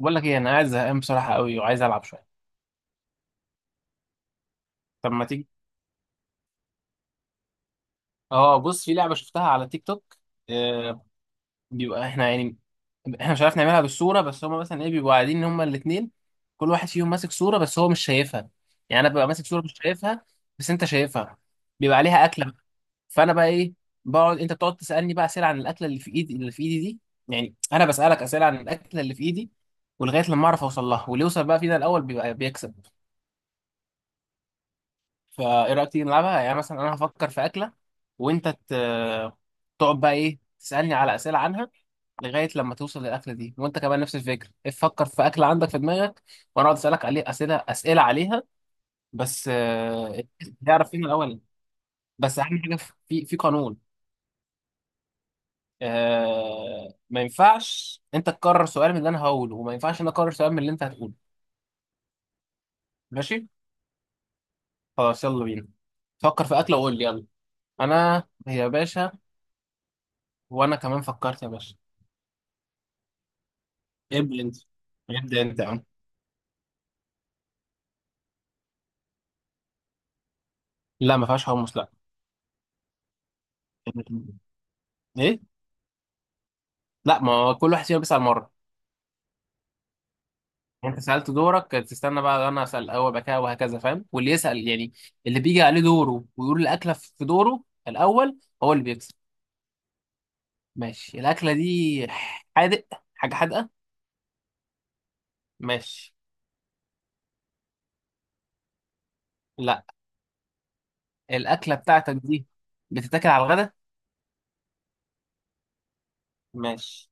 بقول لك ايه، انا قاعد زهقان بصراحه قوي وعايز العب شويه. طب ما تيجي؟ اه بص، في لعبه شفتها على تيك توك. آه بيبقى احنا يعني احنا مش عارف نعملها بالصوره، بس هما مثلا ايه بيبقوا قاعدين هما الاثنين، كل واحد فيهم ماسك صوره بس هو مش شايفها. يعني انا ببقى ماسك صوره مش شايفها بس انت شايفها. بيبقى عليها اكله. فانا بقى ايه، بقعد، انت بتقعد تسالني بقى اسئله عن الاكله اللي في ايدي، اللي في ايدي دي. يعني انا بسالك اسئله عن الاكله اللي في ايدي، ولغايه لما اعرف اوصل لها، واللي يوصل بقى فينا الاول بيبقى بيكسب. فايه رايك تيجي نلعبها؟ يعني مثلا انا هفكر في اكله، وانت ت... تقعد بقى ايه تسالني على اسئله عنها لغايه لما توصل للاكله دي، وانت كمان نفس الفكره، إيه، فكر في اكله عندك في دماغك، وانا اقعد اسالك عليه اسئله، اسئله عليها. بس تعرف فين الاول. بس اهم حاجه، في قانون. ما ينفعش انت تكرر سؤال من اللي انا هقوله، وما ينفعش انا اكرر سؤال من اللي انت هتقوله. ماشي. خلاص يلا بينا. فكر في اكله وقول لي يلا. انا يا باشا. وانا كمان فكرت يا باشا. ابدا انت، ابدا انت يا عم. لا، ما فيهاش حمص، لا. ايه. لا، ما هو كل واحد فينا بيسال مره. يعني انت سالت، دورك تستنى بقى، انا اسال الاول بقى كده وهكذا، فاهم؟ واللي يسال يعني، اللي بيجي عليه دوره ويقول الاكله في دوره الاول هو اللي بيكسب. ماشي. الاكله دي حادق، حاجه حادقه. ماشي. لا. الاكله بتاعتك دي بتتاكل على الغدا. ماشي.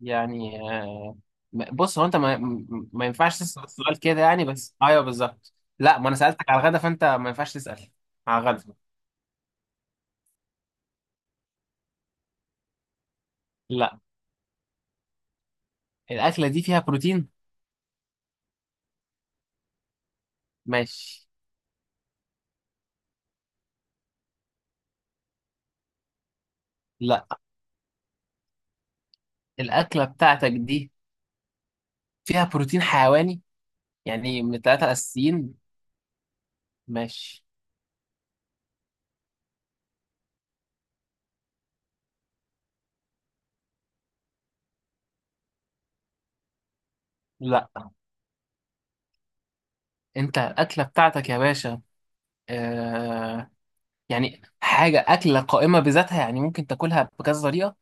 يعني بص، هو انت ما ينفعش تسال السؤال كده، يعني بس ايوه بالظبط. لا، ما انا سالتك على الغدا فانت ما ينفعش تسال على الغدا. لا، الاكله دي فيها بروتين. ماشي. لا. الاكله بتاعتك دي فيها بروتين حيواني، يعني من الثلاثه الاساسيين. ماشي. لا. انت الاكله بتاعتك يا باشا، آه، يعني حاجه اكله قائمه بذاتها، يعني ممكن تاكلها بكذا طريقه.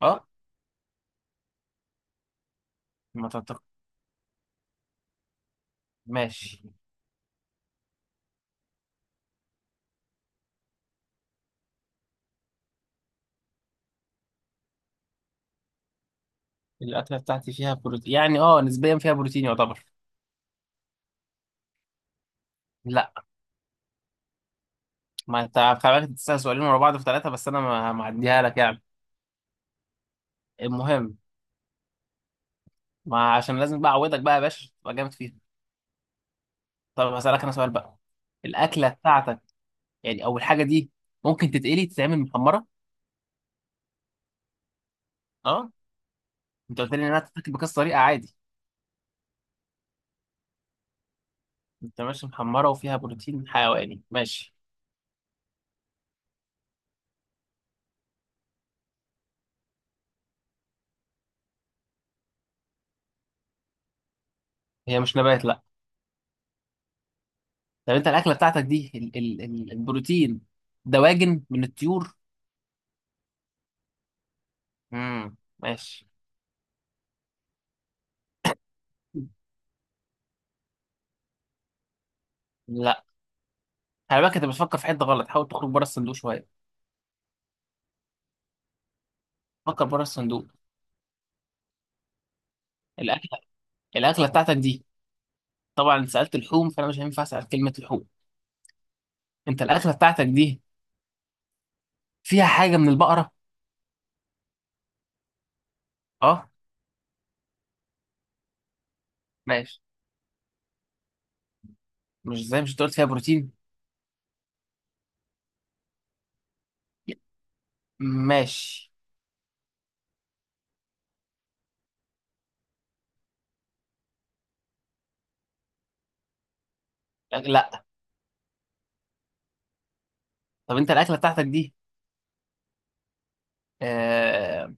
اه. ما تتق... ماشي. الأكلة بتاعتي فيها بروتين، يعني اه نسبيا فيها بروتين يعتبر. لا. ما انت خلي بالك، تسأل سؤالين ورا بعض في ثلاثة، بس أنا معديها لك يعني. المهم. ما عشان لازم بقى أعودك بقى يا باشا تبقى جامد فيها. طب هسألك أنا سؤال بقى. الأكلة بتاعتك، يعني أو الحاجة دي، ممكن تتقلي، تتعمل محمرة؟ اه. انت قلت لي إنها تتاكل بكذا طريقة عادي. انت ماشي، محمرة وفيها بروتين حيواني، ماشي. هي مش نبات، لا. طب انت الأكلة بتاعتك دي، ال ال ال البروتين دواجن من الطيور؟ امم، ماشي. لا، خلي بالك، انت بتفكر في حته غلط، حاول تخرج بره الصندوق شويه. فكر بره الصندوق. الاكله، الاكله بتاعتك دي، طبعا انت سالت لحوم فانا مش هينفع اسال كلمه لحوم. انت الاكله بتاعتك دي فيها حاجه من البقره؟ اه. ماشي. مش زي مش قلت فيها بروتين. ماشي. لا. طب انت الاكله بتاعتك دي، آه،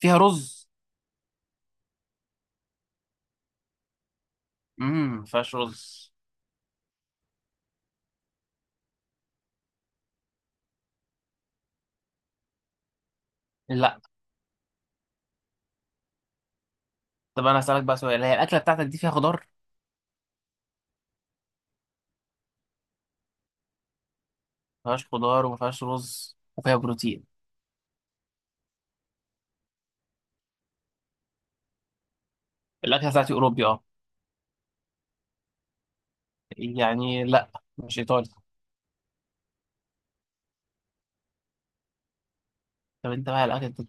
فيها رز؟ امم، ما فيهاش رز. لا. طب انا هسالك بقى سؤال، هي الاكله بتاعتك دي فيها خضار؟ ما فيهاش خضار، وما فيهاش رز، وفيها بروتين. الاكله بتاعتي اوروبي اه. يعني لا، مش ايطالي. طب انت بقى الاكل انت.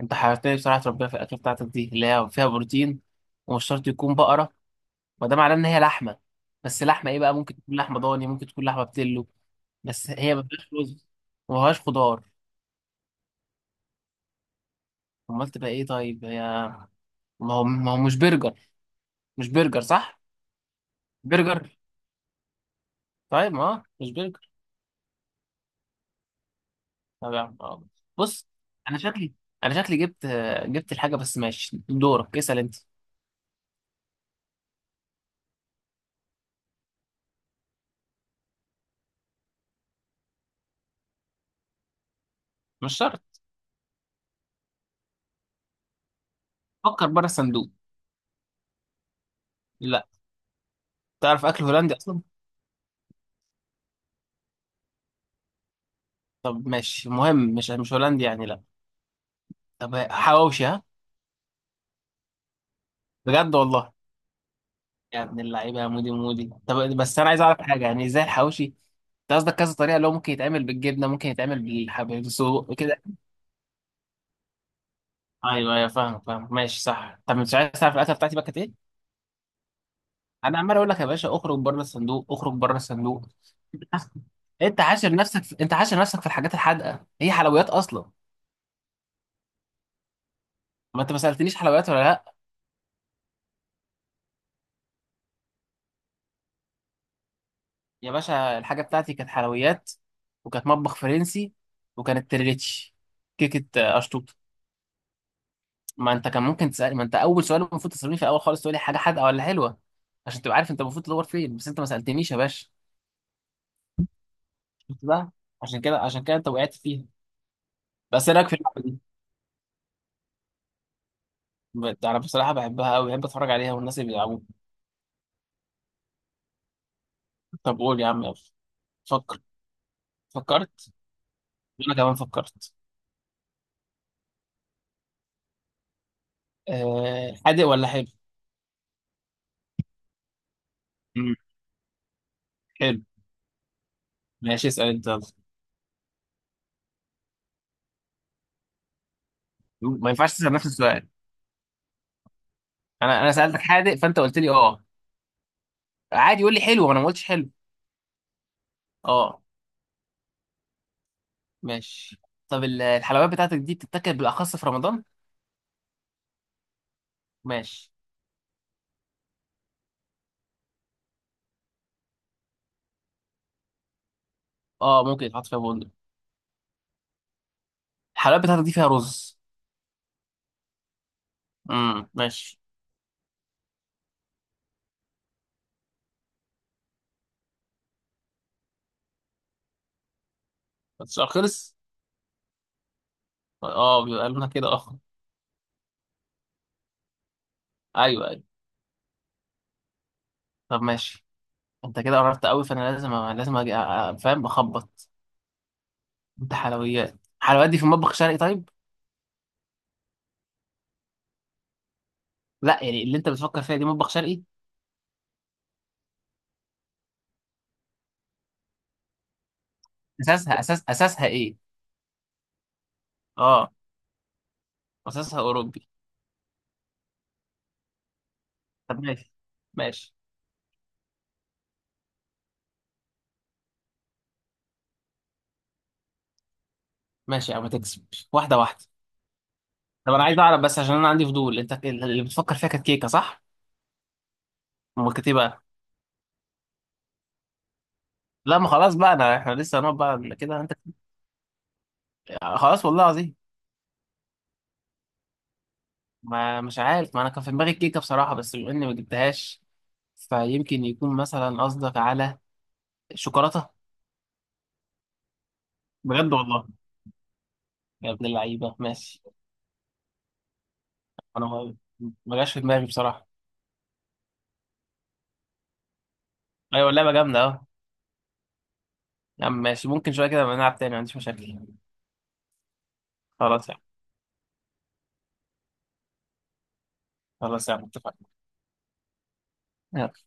انت حيرتني بصراحه، تربيها في الاكل بتاعتك دي اللي هي فيها بروتين، ومش شرط يكون بقره، وده معناه ان هي لحمه، بس لحمه ايه بقى، ممكن تكون لحمه ضاني، ممكن تكون لحمه بتلو. بس هي ما فيهاش رز، وما فيهاش خضار. امال تبقى ايه طيب هي؟ ما هو مش برجر، مش برجر صح؟ برجر. طيب ما هو مش برجر. طب يا عم اه. بص. انا شكلي انا شكلي جبت، الحاجه، بس ماشي دورك اسال انت. مش شرط. فكر بره الصندوق. لا، تعرف اكل هولندي اصلا؟ طب ماشي، مهم مش هولندي يعني لا. طب حواوشي، ها؟ بجد والله. يا ابن اللعيبه يا مودي مودي، طب بس انا عايز اعرف حاجه، يعني ازاي الحواوشي؟ انت قصدك كذا طريقه، اللي هو ممكن يتعمل بالجبنه، ممكن يتعمل بالحبيب سجق كده. ايوه ايوه، فاهم فاهم، ماشي صح. طب مش عايز تعرف الاكله بتاعتي بقى كانت ايه؟ انا عمال اقول لك يا باشا اخرج بره الصندوق، اخرج بره الصندوق. انت حاشر نفسك في الحاجات الحادقه، هي حلويات اصلا. ما انت ما سالتنيش حلويات ولا لا. يا باشا الحاجة بتاعتي كانت حلويات، وكانت مطبخ فرنسي، وكانت تريليتش، كيكة أشطوطة. ما أنت كان ممكن تسأل، ما أنت أول سؤال المفروض تسألني في الأول خالص تقول لي حاجة حادقة ولا حلوة، عشان تبقى عارف أنت المفروض تدور فين، بس أنت ما سألتنيش يا باشا. شفت بقى؟ عشان كده، عشان كده أنت وقعت فيها. بس إيه رأيك في اللعبة دي؟ أنا بصراحة بحبها أوي، بحب أتفرج عليها والناس اللي بيلعبوها. طب قول يا عم يلا. فكر. فكرت. وأنا كمان فكرت. أه حادق ولا حلو؟ مم، حلو. ماشي اسأل أنت يلا. ما ينفعش تسأل نفس السؤال. انا سالتك حادق فانت قلت لي اه، عادي قول لي حلو، وانا ما قلتش حلو. اه. ماشي. طب الحلويات بتاعتك دي بتتاكل بالاخص في رمضان؟ ماشي. اه، ممكن يتحط فيها بندق. الحلويات بتاعتك دي فيها رز؟ امم، ماشي. السؤال خلص. اه، بيبقى لنا كده اه. ايوه ايوه. طب ماشي. انت كده قربت قوي، فانا لازم اجي فاهم اخبط. انت حلويات. الحلويات دي في مطبخ شرقي طيب؟ لا يعني، اللي انت بتفكر فيها دي مطبخ شرقي. اساسها ايه؟ اه، اساسها اوروبي. طب ماشي، ماشي. ماشي او ما تكسب، واحده واحده. طب انا عايز اعرف بس عشان انا عندي فضول، انت اللي بتفكر فيها كانت كيكه صح؟ امال كانت ايه بقى؟ لا ما خلاص بقى، انا احنا لسه هنقعد بقى كده انت. خلاص والله العظيم. ما مش عارف، ما انا كان في دماغي الكيكه بصراحه، بس بما اني ما جبتهاش، فيمكن يكون مثلا قصدك على الشوكولاته. بجد والله. يا ابن اللعيبه، ماشي. انا ما جاش في دماغي بصراحه. ايوه اللعبه جامده اهو. يا عم ماشي، ممكن شويه كده نبقى نلعب تاني، ما عنديش مشاكل. خلاص يا عم. خلاص يا عم، اتفقنا.